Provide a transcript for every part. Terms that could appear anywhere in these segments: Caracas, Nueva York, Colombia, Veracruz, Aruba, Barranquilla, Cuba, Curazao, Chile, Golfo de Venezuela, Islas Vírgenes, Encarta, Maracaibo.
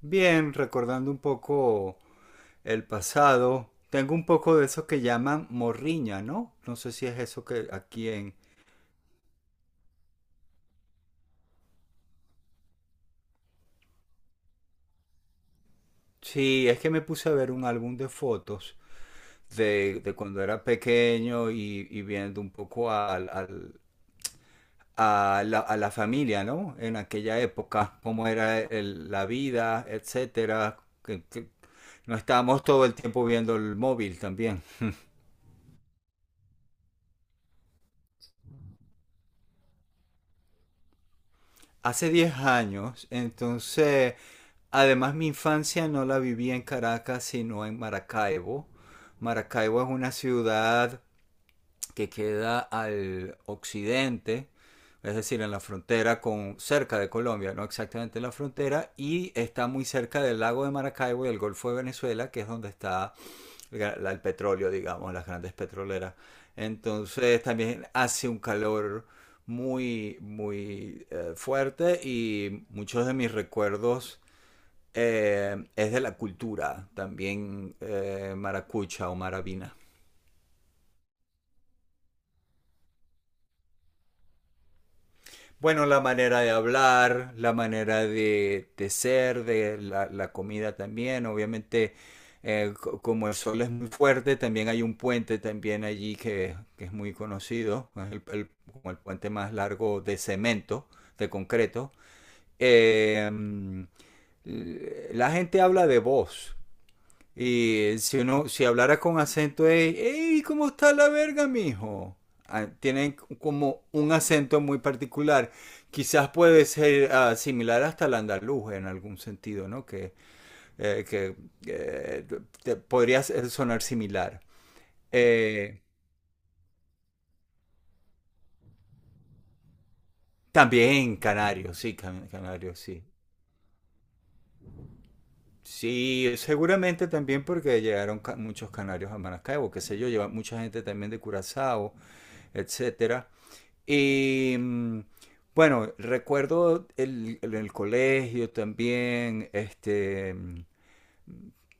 Bien, recordando un poco el pasado, tengo un poco de eso que llaman morriña, ¿no? No sé si es eso que aquí en... Sí, es que me puse a ver un álbum de fotos de cuando era pequeño y viendo un poco a la familia, ¿no? En aquella época, cómo era la vida, etcétera. Que no estábamos todo el tiempo viendo el móvil también. Hace 10 años, entonces además mi infancia no la viví en Caracas, sino en Maracaibo. Maracaibo es una ciudad que queda al occidente, es decir, en la frontera con cerca de Colombia, no exactamente en la frontera, y está muy cerca del lago de Maracaibo y el Golfo de Venezuela, que es donde está el petróleo, digamos, las grandes petroleras. Entonces también hace un calor muy, muy fuerte y muchos de mis recuerdos es de la cultura, también maracucha o maravina. Bueno, la manera de hablar, la manera de ser, de la comida también, obviamente como el sol es muy fuerte, también hay un puente también allí que es muy conocido, es como el puente más largo de cemento, de concreto. Eh, mm, la gente habla de voz, y si uno, si hablara con acento de, hey, ¿cómo está la verga, mijo? Ah, tienen como un acento muy particular. Quizás puede ser similar hasta el andaluz en algún sentido, ¿no? Que eh, podría sonar similar. Eh, También canarios, sí, canarios, sí. Sí, seguramente también porque llegaron muchos canarios a Maracaibo, qué sé yo, lleva mucha gente también de Curazao, etcétera. Y mm, bueno, recuerdo el colegio también,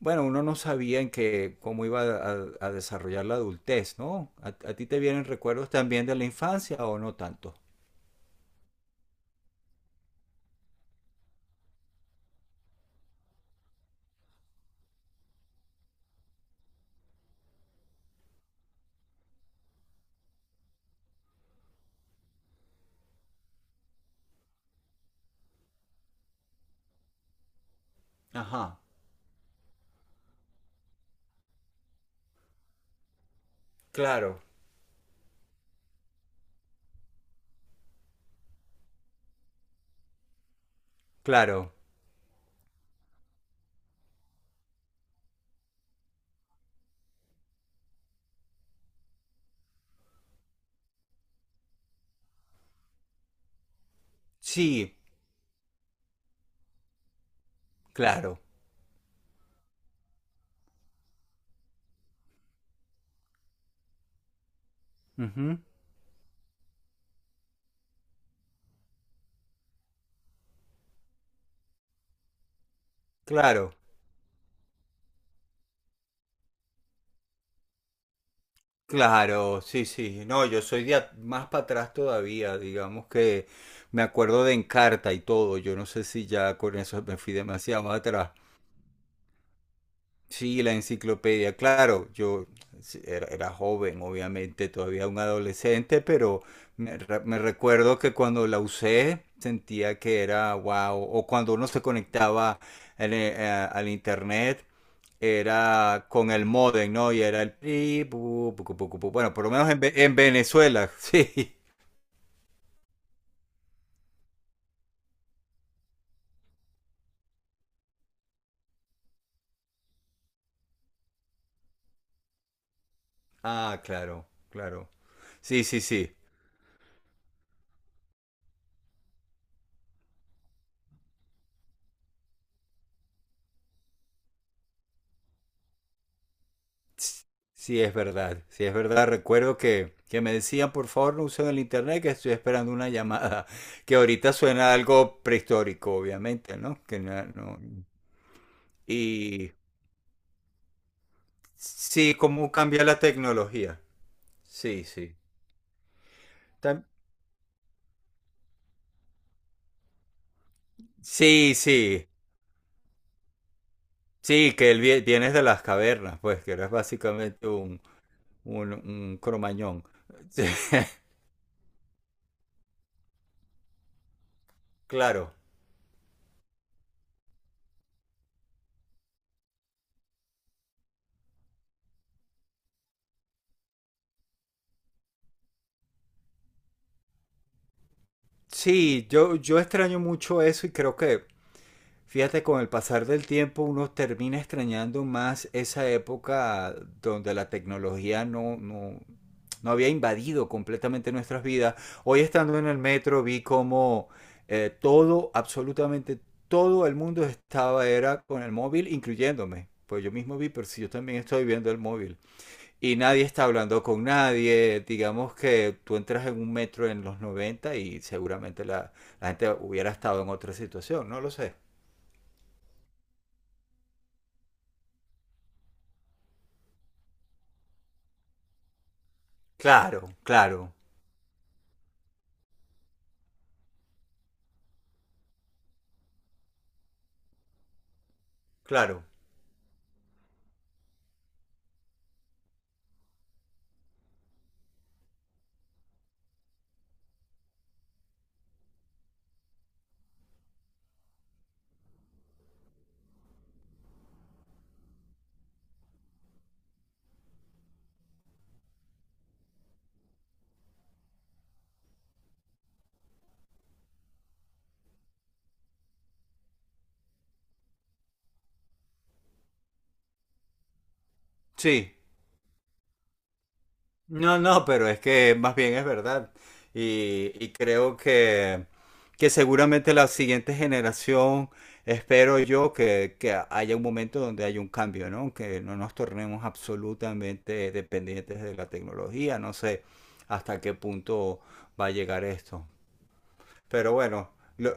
bueno, uno no sabía en qué, cómo iba a desarrollar la adultez, ¿no? A ti te vienen recuerdos también de la infancia o no tanto? Ajá, claro, claro, sí, claro, ujú, claro. Claro, sí, sí. No, yo soy de más para atrás todavía. Digamos que me acuerdo de Encarta y todo. Yo no sé si ya con eso me fui demasiado más atrás. Sí, la enciclopedia, claro, yo sí, era, era joven, obviamente, todavía un adolescente, pero me, me recuerdo que cuando la usé sentía que era wow, o cuando uno se conectaba en al internet, era con el modem, ¿no? Y era el... pi, pu, pu, pu, pu, pu. Bueno, por lo menos en, en Venezuela, sí. Ah, claro, claro. Sí, sí, sí. Sí, sí es verdad, sí, es verdad. Recuerdo que me decían, por favor, no usen el internet, que estoy esperando una llamada, que ahorita suena algo prehistórico, obviamente, ¿no? Que no, no- Y sí, cómo cambia la tecnología. Sí, sí. Tam- Sí, sí, sí, que el vienes de las cavernas, pues, que eres básicamente un cromañón. Sí, claro. Sí, yo extraño mucho eso y creo que fíjate, con el pasar del tiempo uno termina extrañando más esa época donde la tecnología no había invadido completamente nuestras vidas. Hoy estando en el metro vi como todo, absolutamente todo el mundo estaba era con el móvil, incluyéndome. Pues yo mismo vi, pero si yo también estoy viendo el móvil. Y nadie está hablando con nadie. Digamos que tú entras en un metro en los 90 y seguramente la gente hubiera estado en otra situación, no lo sé. Claro, claro, claro. Sí. No, no, pero es que más bien es verdad. Y creo que seguramente la siguiente generación, espero yo, que haya un momento donde haya un cambio, ¿no? Que no nos tornemos absolutamente dependientes de la tecnología. No sé hasta qué punto va a llegar esto. Pero bueno, lo-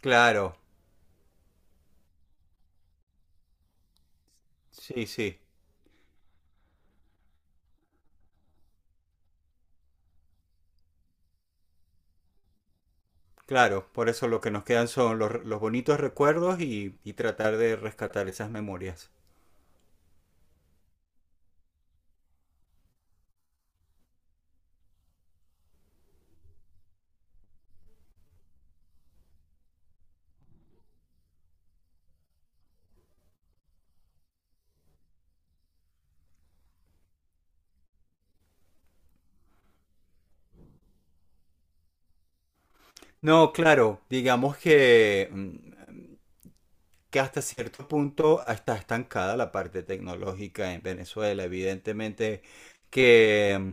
claro, sí, sí. Claro, por eso lo que nos quedan son los bonitos recuerdos y tratar de rescatar esas memorias. No, claro, digamos que, que hasta cierto punto está estancada la parte tecnológica en Venezuela. Evidentemente que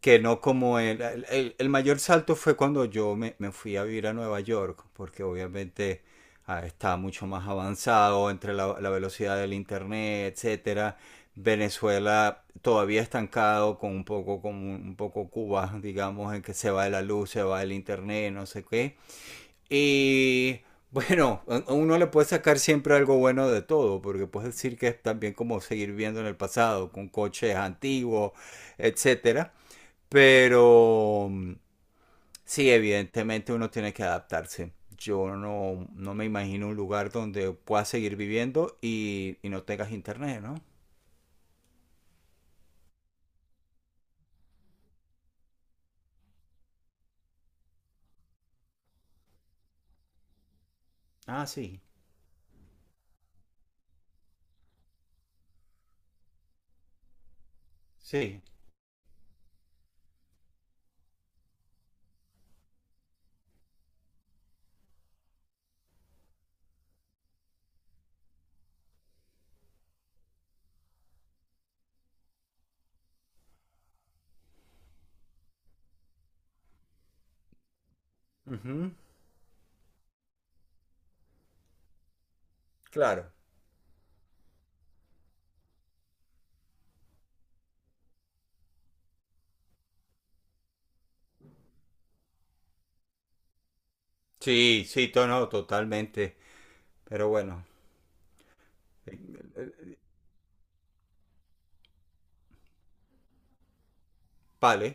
que no como el mayor salto fue cuando me fui a vivir a Nueva York, porque obviamente estaba mucho más avanzado entre la velocidad del internet, etcétera. Venezuela todavía estancado con un poco Cuba, digamos, en que se va de la luz, se va del internet, no sé qué. Y bueno, a uno le puede sacar siempre algo bueno de todo, porque puedes decir que es también como seguir viendo en el pasado, con coches antiguos, etcétera. Pero sí, evidentemente uno tiene que adaptarse. Yo no, no me imagino un lugar donde puedas seguir viviendo y no tengas internet, ¿no? Ah, sí, sí. Ujú, claro. Sí, sí, to- no, totalmente. Pero bueno, eh, vale.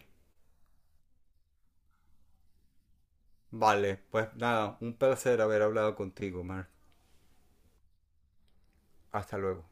Vale, pues nada, un placer haber hablado contigo, Mark. Hasta luego.